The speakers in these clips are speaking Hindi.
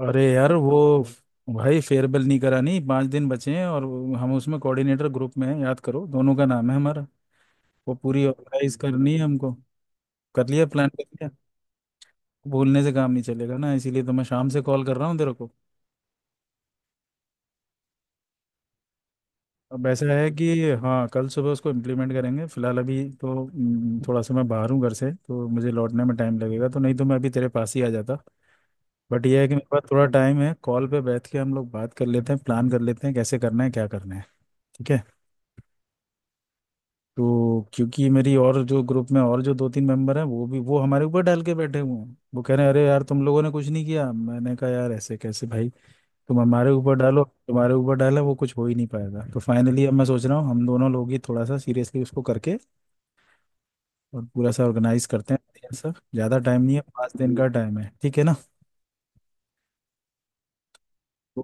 अरे यार वो भाई फेयरवेल नहीं करानी। 5 दिन बचे हैं और हम उसमें कोऑर्डिनेटर ग्रुप में हैं। याद करो, दोनों का नाम है हमारा। वो पूरी ऑर्गेनाइज करनी है हमको। कर लिया प्लान कर लिया? भूलने से काम नहीं चलेगा ना, इसीलिए तो मैं शाम से कॉल कर रहा हूँ तेरे को। अब ऐसा है कि हाँ, कल सुबह उसको इम्प्लीमेंट करेंगे। फिलहाल अभी तो थोड़ा सा मैं बाहर हूँ घर से, तो मुझे लौटने में टाइम लगेगा। तो नहीं तो मैं अभी तेरे पास ही आ जाता। बट यह है कि मेरे पास थोड़ा टाइम है, कॉल पे बैठ के हम लोग बात कर लेते हैं, प्लान कर लेते हैं कैसे करना है क्या करना है। ठीक है। तो क्योंकि मेरी, और जो ग्रुप में और जो दो तीन मेंबर हैं, वो भी वो हमारे ऊपर डाल के बैठे हुए हैं। वो कह रहे हैं अरे यार, तुम लोगों ने कुछ नहीं किया। मैंने कहा यार, ऐसे कैसे भाई, तुम हमारे ऊपर डालो तुम्हारे ऊपर डाला, वो कुछ हो ही नहीं पाएगा। तो फाइनली अब मैं सोच रहा हूँ हम दोनों लोग ही थोड़ा सा सीरियसली उसको करके और पूरा सा ऑर्गेनाइज करते हैं बढ़िया सा। ज़्यादा टाइम नहीं है, 5 दिन का टाइम है, ठीक है ना? तो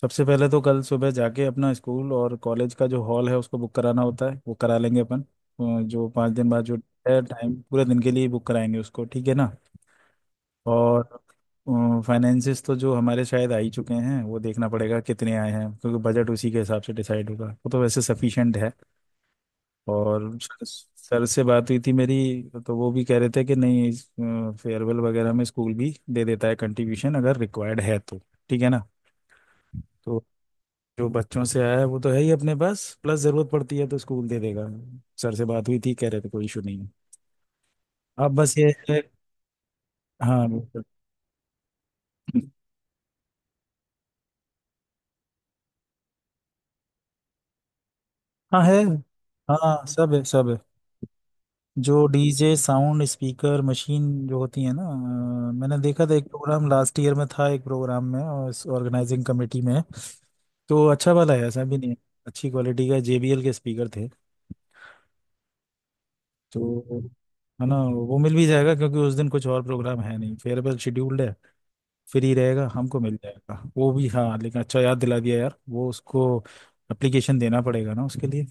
सबसे पहले तो कल सुबह जाके अपना स्कूल और कॉलेज का जो हॉल है उसको बुक कराना होता है, वो करा लेंगे अपन। जो 5 दिन बाद जो है टाइम, पूरे दिन के लिए बुक कराएंगे उसको, ठीक है ना। और फाइनेंसिस तो जो हमारे शायद आ ही चुके हैं, वो देखना पड़ेगा कितने आए हैं क्योंकि बजट उसी के हिसाब से डिसाइड होगा। वो तो वैसे सफिशिएंट है। और सर सर से बात हुई थी मेरी। तो वो भी कह रहे थे कि नहीं, फेयरवेल वगैरह में स्कूल भी दे देता है कंट्रीब्यूशन अगर रिक्वायर्ड है तो। ठीक है ना। तो जो बच्चों से आया है वो तो है ही अपने पास, प्लस जरूरत पड़ती है तो स्कूल दे देगा। सर से बात हुई थी, कह रहे थे कोई इशू नहीं है। अब बस ये है। हाँ बिल्कुल। हाँ है। हाँ सब है सब है। जो डीजे साउंड स्पीकर मशीन जो होती है ना, मैंने देखा था, एक प्रोग्राम लास्ट ईयर में था, एक प्रोग्राम में और इस ऑर्गेनाइजिंग कमेटी में। तो अच्छा वाला है, ऐसा भी नहीं है। अच्छी क्वालिटी का जेबीएल के स्पीकर थे। तो है ना, वो मिल भी जाएगा क्योंकि उस दिन कुछ और प्रोग्राम है नहीं, फेयरवेल शेड्यूल्ड है। फ्री रहेगा, हमको मिल जाएगा वो भी। हाँ लेकिन अच्छा याद दिला दिया यार, वो उसको एप्लीकेशन देना पड़ेगा ना उसके लिए।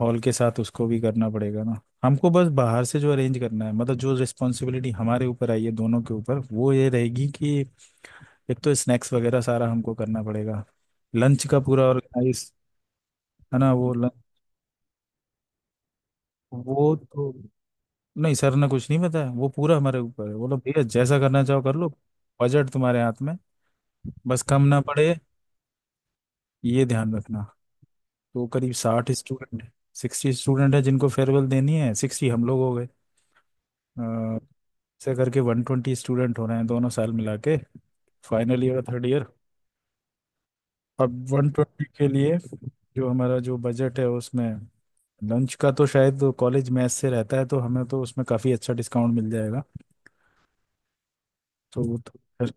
हॉल के साथ उसको भी करना पड़ेगा ना हमको। बस बाहर से जो अरेंज करना है, मतलब जो रिस्पॉन्सिबिलिटी हमारे ऊपर आई है दोनों के ऊपर, वो ये रहेगी कि एक तो स्नैक्स वगैरह सारा हमको करना पड़ेगा, लंच का पूरा ऑर्गेनाइज। है ना, वो लंच। वो तो नहीं, सर ने कुछ नहीं बताया, वो पूरा हमारे ऊपर है। बोलो भैया जैसा करना चाहो कर लो, बजट तुम्हारे हाथ में, बस कम ना पड़े ये ध्यान रखना। तो करीब 60 स्टूडेंट, 60 स्टूडेंट है जिनको फेयरवेल देनी है, 60 हम लोग हो गए। अ, ऐसे करके 120 स्टूडेंट हो रहे हैं दोनों साल मिला के, फाइनल ईयर और थर्ड ईयर। अब 120 के लिए जो हमारा जो बजट है उसमें, लंच का तो शायद कॉलेज मेस से रहता है तो हमें तो उसमें काफ़ी अच्छा डिस्काउंट मिल जाएगा। तो वो तो। फिर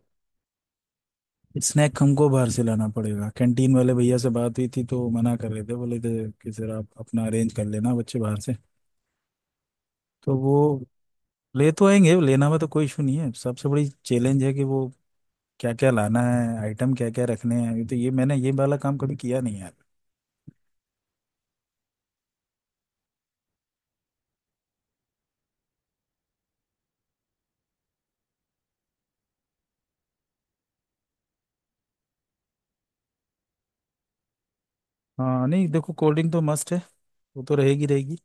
स्नैक हमको बाहर से लाना पड़ेगा। कैंटीन वाले भैया से बात हुई थी तो मना कर रहे थे, बोले थे कि सर आप अपना अरेंज कर लेना, बच्चे बाहर से। तो वो ले तो आएंगे, लेना में तो कोई इशू नहीं है। सबसे बड़ी चैलेंज है कि वो क्या क्या लाना है, आइटम क्या क्या रखने हैं। ये मैंने ये वाला काम कभी किया नहीं है यार। हाँ नहीं, देखो कोल्ड ड्रिंक तो मस्ट है, वो तो रहेगी रहेगी।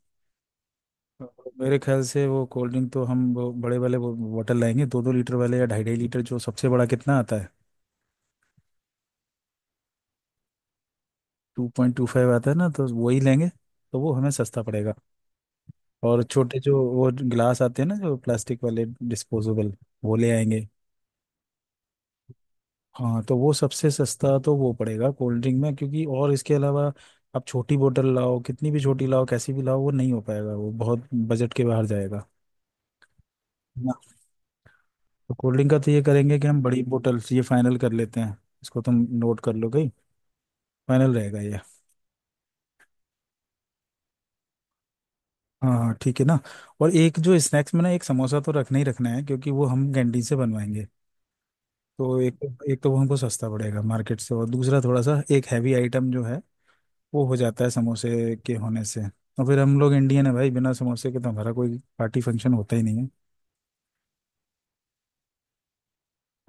और मेरे ख्याल से वो कोल्ड ड्रिंक तो हम वो बड़े वाले वो बॉटल लाएंगे, 2-2 लीटर वाले या 2.5-2.5 लीटर, जो सबसे बड़ा कितना आता है। 2.25 आता है ना, तो वही लेंगे, तो वो हमें सस्ता पड़ेगा। और छोटे जो वो ग्लास आते हैं ना, जो प्लास्टिक वाले डिस्पोजेबल, वो ले आएंगे। हाँ, तो वो सबसे सस्ता तो वो पड़ेगा कोल्ड ड्रिंक में। क्योंकि और इसके अलावा आप छोटी बोतल लाओ, कितनी भी छोटी लाओ, कैसी भी लाओ, वो नहीं हो पाएगा, वो बहुत बजट के बाहर जाएगा ना। तो कोल्ड ड्रिंक का तो ये करेंगे कि हम बड़ी बोतल, ये फाइनल कर लेते हैं इसको। तुम नोट कर लो गई, फाइनल रहेगा ये। हाँ हाँ ठीक है ना। और एक जो स्नैक्स में ना, एक समोसा तो रखना ही रखना है क्योंकि वो हम कैंटीन से बनवाएंगे। तो एक, एक तो वो हमको सस्ता पड़ेगा मार्केट से, और दूसरा थोड़ा सा एक हैवी आइटम जो है वो हो जाता है समोसे के होने से। और फिर हम लोग इंडियन है भाई, बिना समोसे के तो हमारा कोई पार्टी फंक्शन होता ही नहीं है।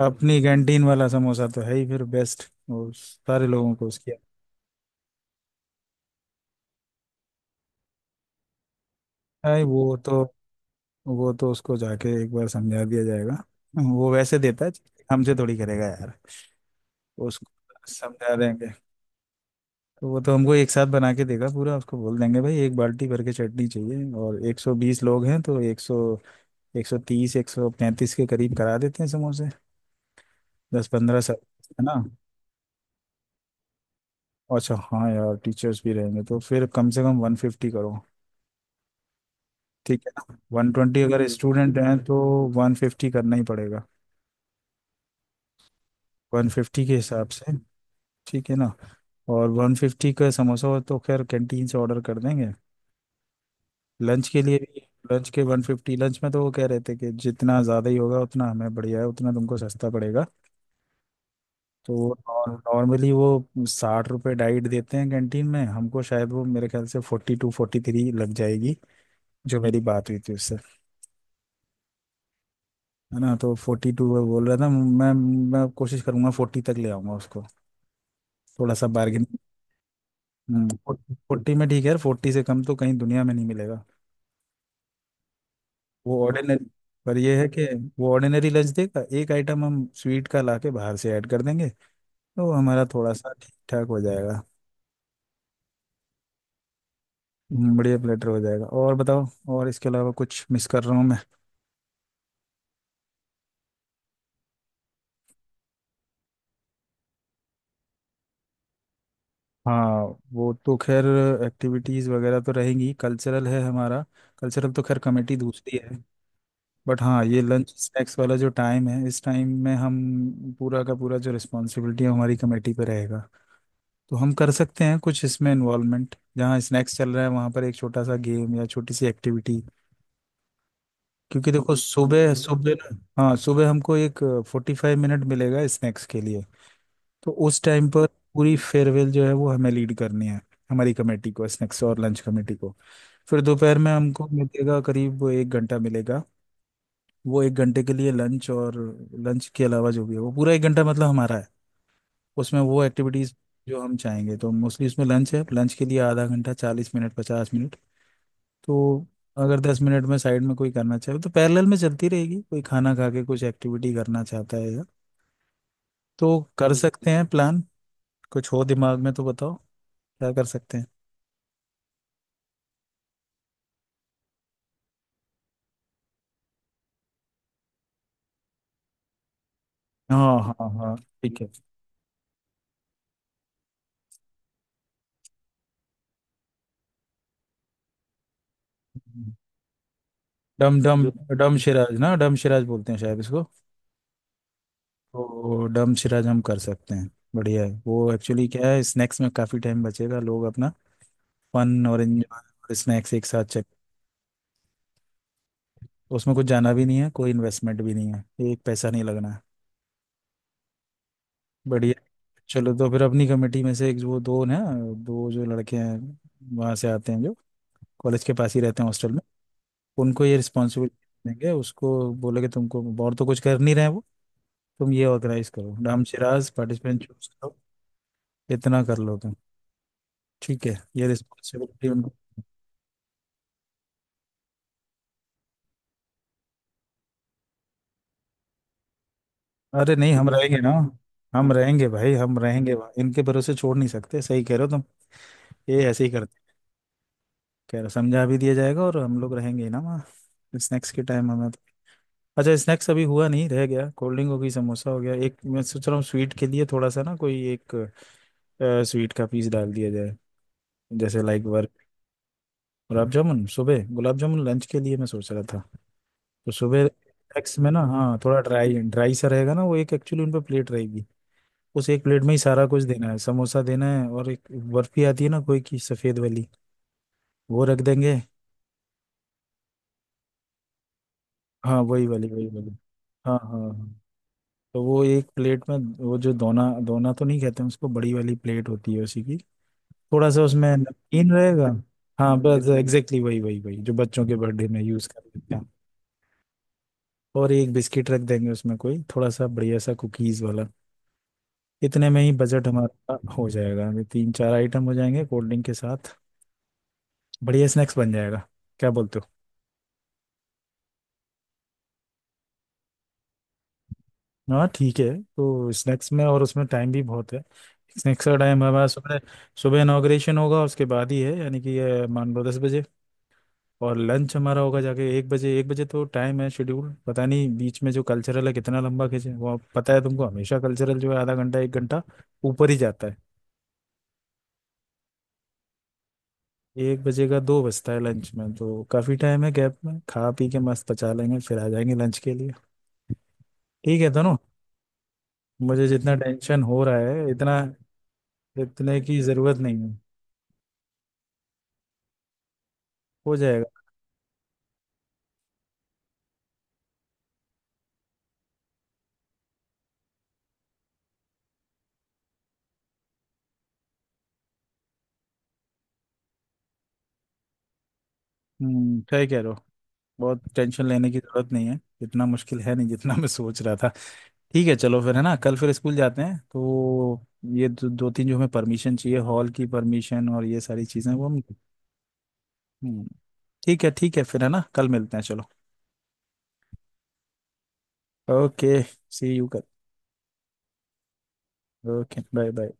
अपनी कैंटीन वाला समोसा तो है ही फिर बेस्ट। और सारे लोगों को उसकी। भाई वो तो उसको जाके एक बार समझा दिया जाएगा, वो वैसे देता है, हमसे थोड़ी करेगा यार। उसको समझा देंगे। तो वो तो हमको एक साथ बना के देगा पूरा। उसको बोल देंगे भाई एक बाल्टी भर के चटनी चाहिए, और 120 लोग हैं तो 100, 130, 135 के करीब करा देते हैं समोसे, दस पंद्रह सब। है ना? अच्छा हाँ यार, टीचर्स भी रहेंगे तो फिर कम से कम 150 करो, ठीक है ना। 120 अगर स्टूडेंट हैं तो 150 करना ही पड़ेगा। 150 के हिसाब से, ठीक है ना। और 150 का समोसा हो तो खैर कैंटीन से ऑर्डर कर देंगे। लंच के लिए भी, लंच के 150। लंच में तो वो कह रहे थे कि जितना ज़्यादा ही होगा उतना हमें बढ़िया है, उतना तुमको सस्ता पड़ेगा। तो नॉर्मली वो 60 रुपये डाइट देते हैं कैंटीन में, हमको शायद वो मेरे ख्याल से 42-43 लग जाएगी, जो मेरी बात हुई थी उससे। है ना, तो 42 बोल रहा था मैं। मैं कोशिश करूंगा 40 तक ले आऊंगा उसको, थोड़ा सा बार्गेनिंग। हम्म। 40 में ठीक है यार, 40 से कम तो कहीं दुनिया में नहीं मिलेगा। वो ऑर्डिनरी, पर ये है कि वो ऑर्डिनरी लंच देगा, एक आइटम हम स्वीट का लाके बाहर से ऐड कर देंगे, तो हमारा थोड़ा सा ठीक ठाक हो जाएगा। बढ़िया प्लेटर हो जाएगा। और बताओ, और इसके अलावा कुछ मिस कर रहा हूँ मैं? हाँ, वो तो खैर एक्टिविटीज़ वगैरह तो रहेंगी, कल्चरल है हमारा। कल्चरल तो खैर कमेटी दूसरी है। बट हाँ, ये लंच स्नैक्स वाला जो टाइम है, इस टाइम में हम पूरा का पूरा जो रिस्पॉन्सिबिलिटी है हमारी कमेटी पे रहेगा। तो हम कर सकते हैं कुछ इसमें इन्वॉल्वमेंट, जहाँ स्नैक्स चल रहा है वहाँ पर एक छोटा सा गेम या छोटी सी एक्टिविटी। क्योंकि देखो सुबह सुबह ना, हाँ सुबह हमको एक 45 मिनट मिलेगा स्नैक्स के लिए। तो उस टाइम पर पूरी फेयरवेल जो है वो हमें लीड करनी है, हमारी कमेटी को, स्नैक्स और लंच कमेटी को। फिर दोपहर में हमको मिलेगा करीब एक घंटा मिलेगा। वो एक घंटे के लिए लंच, और लंच के अलावा जो भी है वो पूरा एक घंटा मतलब हमारा है। उसमें वो एक्टिविटीज़ जो हम चाहेंगे, तो मोस्टली उसमें लंच है, लंच के लिए आधा घंटा, 40 मिनट, 50 मिनट। तो अगर 10 मिनट में साइड में कोई करना चाहे तो पैरेलल में चलती रहेगी, कोई खाना खा के कुछ एक्टिविटी करना चाहता है या। तो कर सकते हैं प्लान। कुछ हो दिमाग में तो बताओ क्या कर सकते हैं। हाँ हाँ हाँ ठीक है। डम डम डम शिराज ना, डम शिराज बोलते हैं शायद इसको। तो डम शिरा हम कर सकते हैं। बढ़िया है वो एक्चुअली। क्या है, स्नैक्स में काफ़ी टाइम बचेगा, लोग अपना फन और एंजॉय और स्नैक्स एक साथ चेक। उसमें कुछ जाना भी नहीं है, कोई इन्वेस्टमेंट भी नहीं है, एक पैसा नहीं लगना है। बढ़िया। चलो तो फिर अपनी कमेटी में से एक वो दो ना, दो जो लड़के हैं, वहाँ से आते हैं जो कॉलेज के पास ही रहते हैं हॉस्टल में, उनको ये रिस्पॉन्सिबिलिटी देंगे उसको। बोलेंगे तुमको और तो कुछ कर नहीं रहे हैं वो, तुम ये ऑर्गेनाइज करो, डम शिराज पार्टिसिपेंट चूज करो, इतना कर लो तुम। ठीक है, ये रिस्पॉन्सिबिलिटी उनको। अरे नहीं हम रहेंगे ना। हम रहेंगे भाई, हम रहेंगे भाई, इनके भरोसे छोड़ नहीं सकते, सही कह रहे हो तुम। ये ऐसे ही करते, कह रहे समझा भी दिया जाएगा। और हम लोग रहेंगे ही ना वहाँ स्नैक्स के टाइम, हमें तो। अच्छा, स्नैक्स अभी हुआ नहीं, रह गया। कोल्ड ड्रिंक हो गई, समोसा हो गया, एक मैं सोच रहा हूँ स्वीट के लिए, थोड़ा सा ना कोई एक स्वीट का पीस डाल दिया जाए, जैसे लाइक वर्क। गुलाब जामुन? सुबह गुलाब जामुन? लंच के लिए मैं सोच रहा था। तो सुबह स्नैक्स में ना, हाँ थोड़ा ड्राई ड्राई सा रहेगा ना वो एक। एक्चुअली उन पर प्लेट रहेगी, उस एक प्लेट में ही सारा कुछ देना है। समोसा देना है और एक बर्फी आती है ना कोई की सफेद वाली, वो रख देंगे। हाँ वही वाली वही वाली। हाँ हाँ हाँ। तो वो एक प्लेट में, वो जो दोना दोना तो नहीं कहते हैं उसको, बड़ी वाली प्लेट होती है उसी की। थोड़ा सा उसमें नमकीन रहेगा। हाँ बस एग्जैक्टली वही वही वही, जो बच्चों के बर्थडे में यूज कर लेते हैं। और एक बिस्किट रख देंगे उसमें, कोई थोड़ा सा बढ़िया सा कुकीज वाला। इतने में ही बजट हमारा हो जाएगा, ये तीन चार आइटम हो जाएंगे कोल्ड ड्रिंक के साथ। बढ़िया स्नैक्स बन जाएगा, क्या बोलते हो? हाँ ठीक है। तो स्नैक्स में और उसमें टाइम भी बहुत है। स्नैक्स का टाइम हमारा सुबह, सुबह इनाग्रेशन होगा उसके बाद ही है, यानी कि ये मान लो 10 बजे। और लंच हमारा होगा जाके 1 बजे, 1 बजे तो टाइम है। शेड्यूल पता नहीं, बीच में जो कल्चरल है कितना लंबा खींचे वो, पता है तुमको हमेशा कल्चरल जो है आधा घंटा एक घंटा ऊपर ही जाता है। एक बजे का दो बजता है लंच में, तो काफ़ी टाइम है गैप में, खा पी के मस्त पचा लेंगे, फिर आ जाएंगे लंच के लिए। ठीक है दोनों। मुझे जितना टेंशन हो रहा है, इतना इतने की ज़रूरत नहीं है, हो जाएगा। हम्म, सही कह रहे हो। बहुत टेंशन लेने की जरूरत नहीं है, इतना मुश्किल है नहीं जितना मैं सोच रहा था। ठीक है चलो, फिर है ना कल फिर स्कूल जाते हैं तो ये दो, दो तीन जो हमें परमिशन चाहिए हॉल की परमिशन और ये सारी चीजें वो हम। हम्म, ठीक है ठीक है, फिर है ना कल मिलते हैं। चलो, ओके। सी यू कल। Okay bye bye.